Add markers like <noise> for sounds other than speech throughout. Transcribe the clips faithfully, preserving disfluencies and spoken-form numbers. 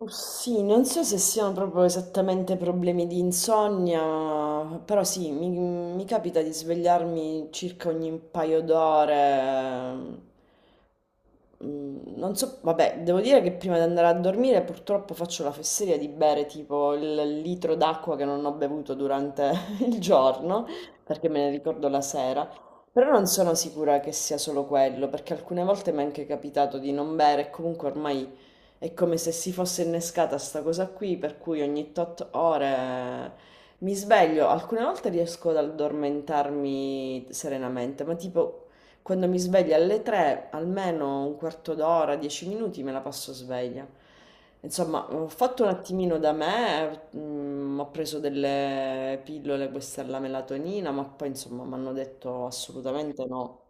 Oh, sì, non so se siano proprio esattamente problemi di insonnia, però sì, mi, mi capita di svegliarmi circa ogni paio d'ore. Mm, Non so, vabbè, devo dire che prima di andare a dormire purtroppo faccio la fesseria di bere tipo il litro d'acqua che non ho bevuto durante <laughs> il giorno, perché me ne ricordo la sera. Però non sono sicura che sia solo quello, perché alcune volte mi è anche capitato di non bere e comunque ormai è come se si fosse innescata sta cosa qui, per cui ogni tot ore mi sveglio. Alcune volte riesco ad addormentarmi serenamente, ma tipo quando mi sveglio alle tre, almeno un quarto d'ora, dieci minuti me la passo sveglia. Insomma, ho fatto un attimino da me, mm, ho preso delle pillole, questa è la melatonina, ma poi insomma mi hanno detto assolutamente no.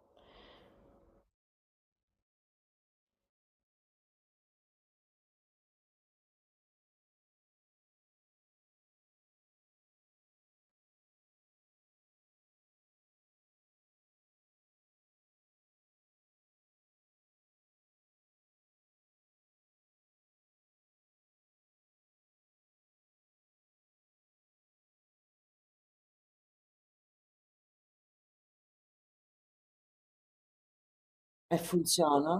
E funziona?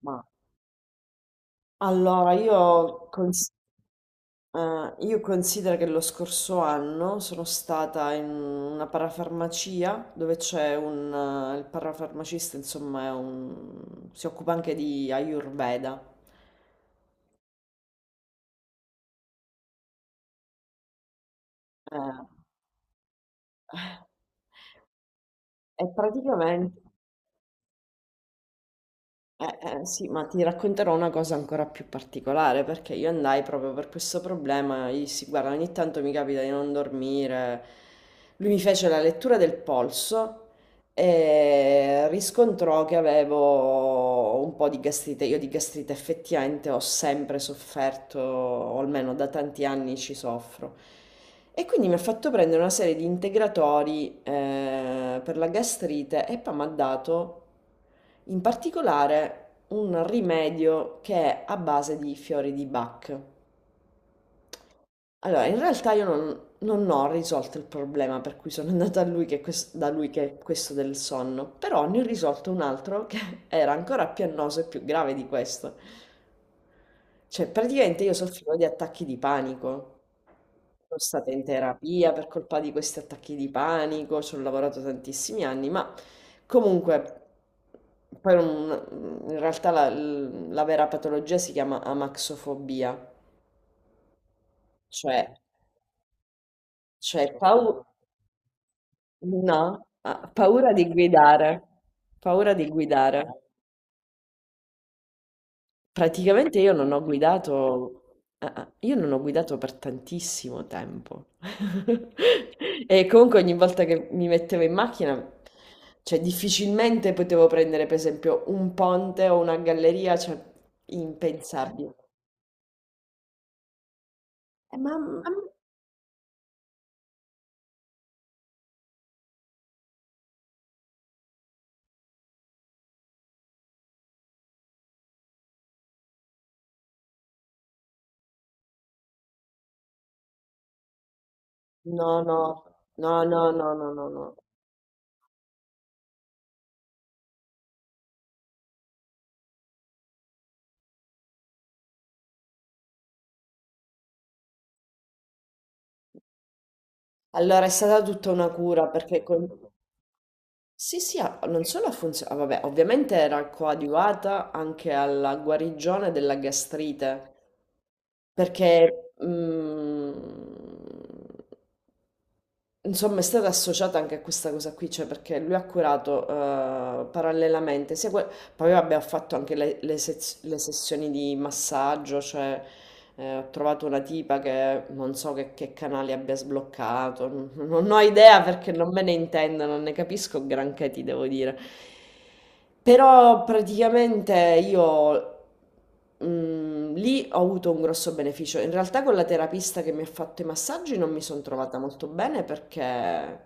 Ma allora io con... Eh, io considero che lo scorso anno sono stata in una parafarmacia dove c'è un... eh, il parafarmacista, insomma, è un- si occupa anche di Ayurveda. Eh, eh, e praticamente... Eh, eh, sì, ma ti racconterò una cosa ancora più particolare perché io andai proprio per questo problema. Gli dissi, guarda, ogni tanto mi capita di non dormire. Lui mi fece la lettura del polso e riscontrò che avevo un po' di gastrite. Io di gastrite effettivamente ho sempre sofferto, o almeno da tanti anni ci soffro. E quindi mi ha fatto prendere una serie di integratori eh, per la gastrite e poi mi ha dato in particolare un rimedio che è a base di fiori di Bach. Allora, in realtà io non, non ho risolto il problema per cui sono andata a lui che ques- da lui che è questo del sonno, però ne ho risolto un altro che <laughs> era ancora più annoso e più grave di questo. Cioè, praticamente io soffrivo di attacchi di panico. Sono stata in terapia per colpa di questi attacchi di panico, ci ho lavorato tantissimi anni, ma comunque, poi non- in realtà la, la vera patologia si chiama amaxofobia, cioè, cioè pau-. No, ah, paura di guidare, paura di guidare. Praticamente io non ho guidato, ah, ah, io non ho guidato per tantissimo tempo. <laughs> E comunque ogni volta che mi mettevo in macchina, cioè difficilmente potevo prendere per esempio un ponte o una galleria, cioè impensabile. Eh, ma, ma- no, no, no, no, no, no, no, no. Allora è stata tutta una cura perché con-. Sì, sì, ha- non solo ha funzionato, vabbè, ovviamente era coadiuvata anche alla guarigione della gastrite, perché mm, insomma, è stata associata anche a questa cosa qui, cioè perché lui ha curato eh, parallelamente, sia que- poi vabbè, ha fatto anche le, le sez- le sessioni di massaggio, cioè eh, ho trovato una tipa che non so che, che canali abbia sbloccato, non, non ho idea perché non me ne intendo, non ne capisco granché, ti devo dire. Però praticamente io mhmm, lì ho avuto un grosso beneficio. In realtà con la terapista che mi ha fatto i massaggi non mi son trovata molto bene perché,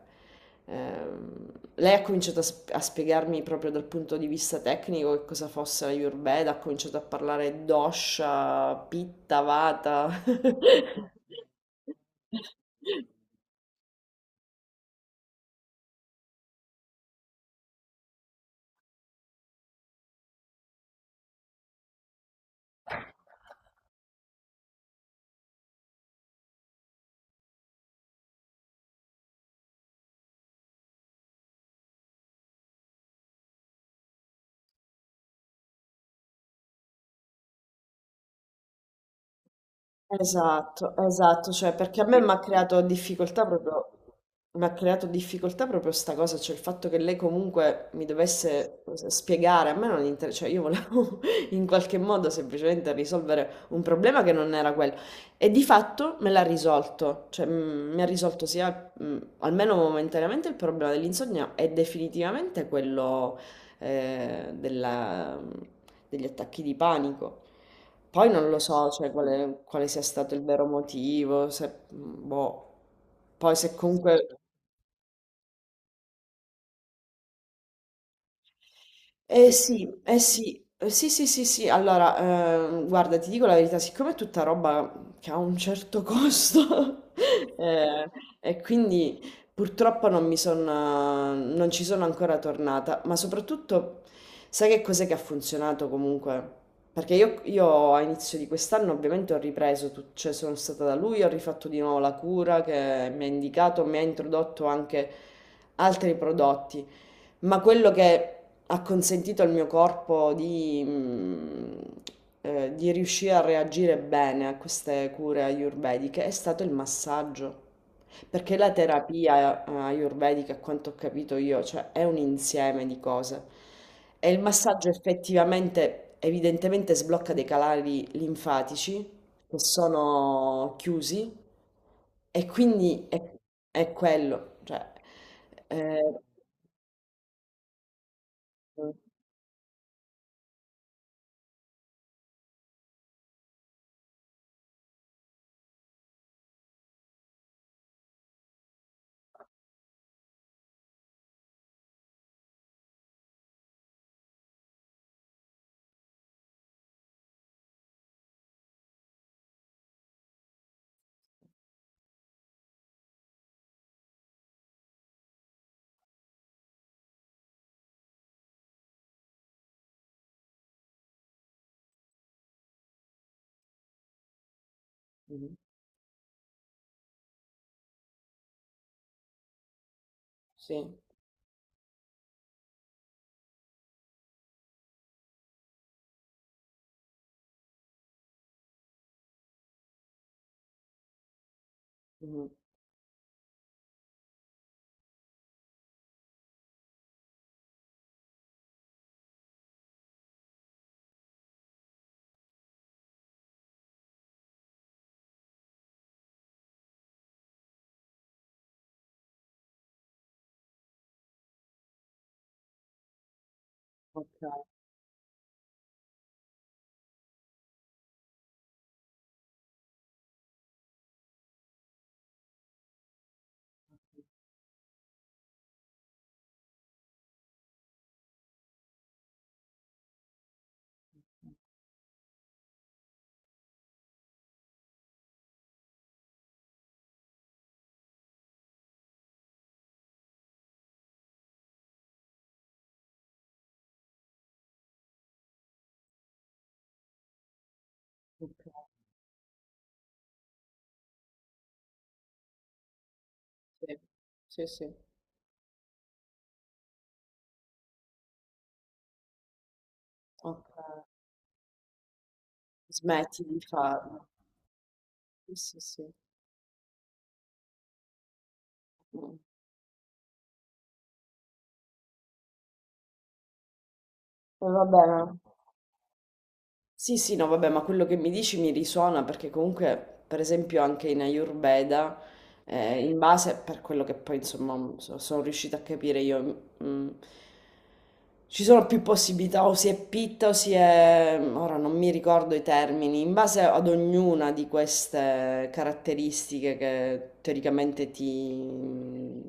ehm, lei ha cominciato a sp a spiegarmi proprio dal punto di vista tecnico che cosa fosse l'Ayurveda, ha cominciato a parlare dosha, pitta, vata. <laughs> Esatto, esatto, cioè perché a me mi ha creato difficoltà proprio, mi ha creato difficoltà proprio sta cosa, cioè il fatto che lei comunque mi dovesse spiegare, a me non interessa, cioè io volevo <laughs> in qualche modo semplicemente risolvere un problema che non era quello e di fatto me l'ha risolto, cioè mm, mi ha risolto sia mm, almeno momentaneamente il problema dell'insonnia e definitivamente quello eh, della- degli attacchi di panico. Poi non lo so, cioè, quale, quale sia stato il vero motivo, se, boh. Poi se comunque eh sì, eh sì, eh sì, sì, sì, sì. Allora, ehm, guarda, ti dico la verità, siccome è tutta roba che ha un certo costo, <laughs> eh, e quindi purtroppo non mi sono, non ci sono ancora tornata, ma soprattutto, sai che cos'è che ha funzionato comunque? Perché io, io a inizio di quest'anno ovviamente ho ripreso, tut- cioè sono stata da lui, ho rifatto di nuovo la cura che mi ha indicato, mi ha introdotto anche altri prodotti. Ma quello che ha consentito al mio corpo di, mm, eh, di riuscire a reagire bene a queste cure ayurvediche è stato il massaggio. Perché la terapia eh, ayurvedica, a quanto ho capito io, cioè è un insieme di cose. E il massaggio effettivamente, evidentemente, sblocca dei canali linfatici che sono chiusi e quindi è, è quello. Cioè, eh, mh-mh. Sì, mh-mh. Okay, okay, sì. Sì, sì, okay. Smetti di farlo. Sì, sì, sì. Mh. E va bene. Sì, sì, no, vabbè, ma quello che mi dici mi risuona perché comunque, per esempio, anche in Ayurveda, eh, in base per quello che poi, insomma, mm, so- sono riuscita a capire io, mm, mm, ci sono più possibilità, o si è pitta o si è... ora non mi ricordo i termini, in base ad ognuna di queste caratteristiche che teoricamente ti... mm,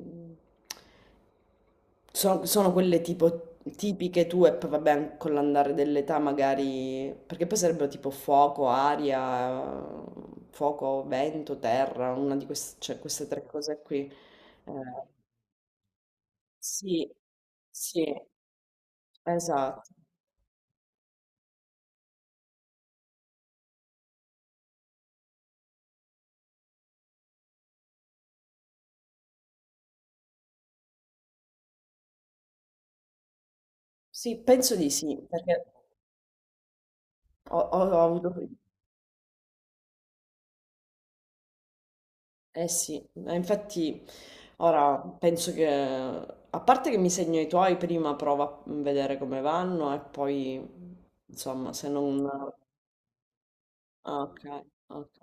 sono, sono quelle tipo tipiche tue, poi vabbè, an- con l'andare dell'età magari, perché poi sarebbero tipo fuoco, aria, fuoco, vento, terra, una di queste, cioè, queste tre cose qui. Eh, sì, sì, esatto. Sì, penso di sì, perché ho, ho- ho avuto eh sì, ma infatti ora penso che a parte che mi segno i tuoi, prima prova a vedere come vanno e poi insomma se non... ah, ok, ok.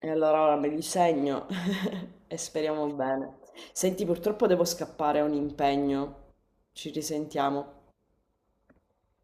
E allora ora me li segno <laughs> e speriamo bene. Senti, purtroppo devo scappare, ho un impegno. Ci risentiamo.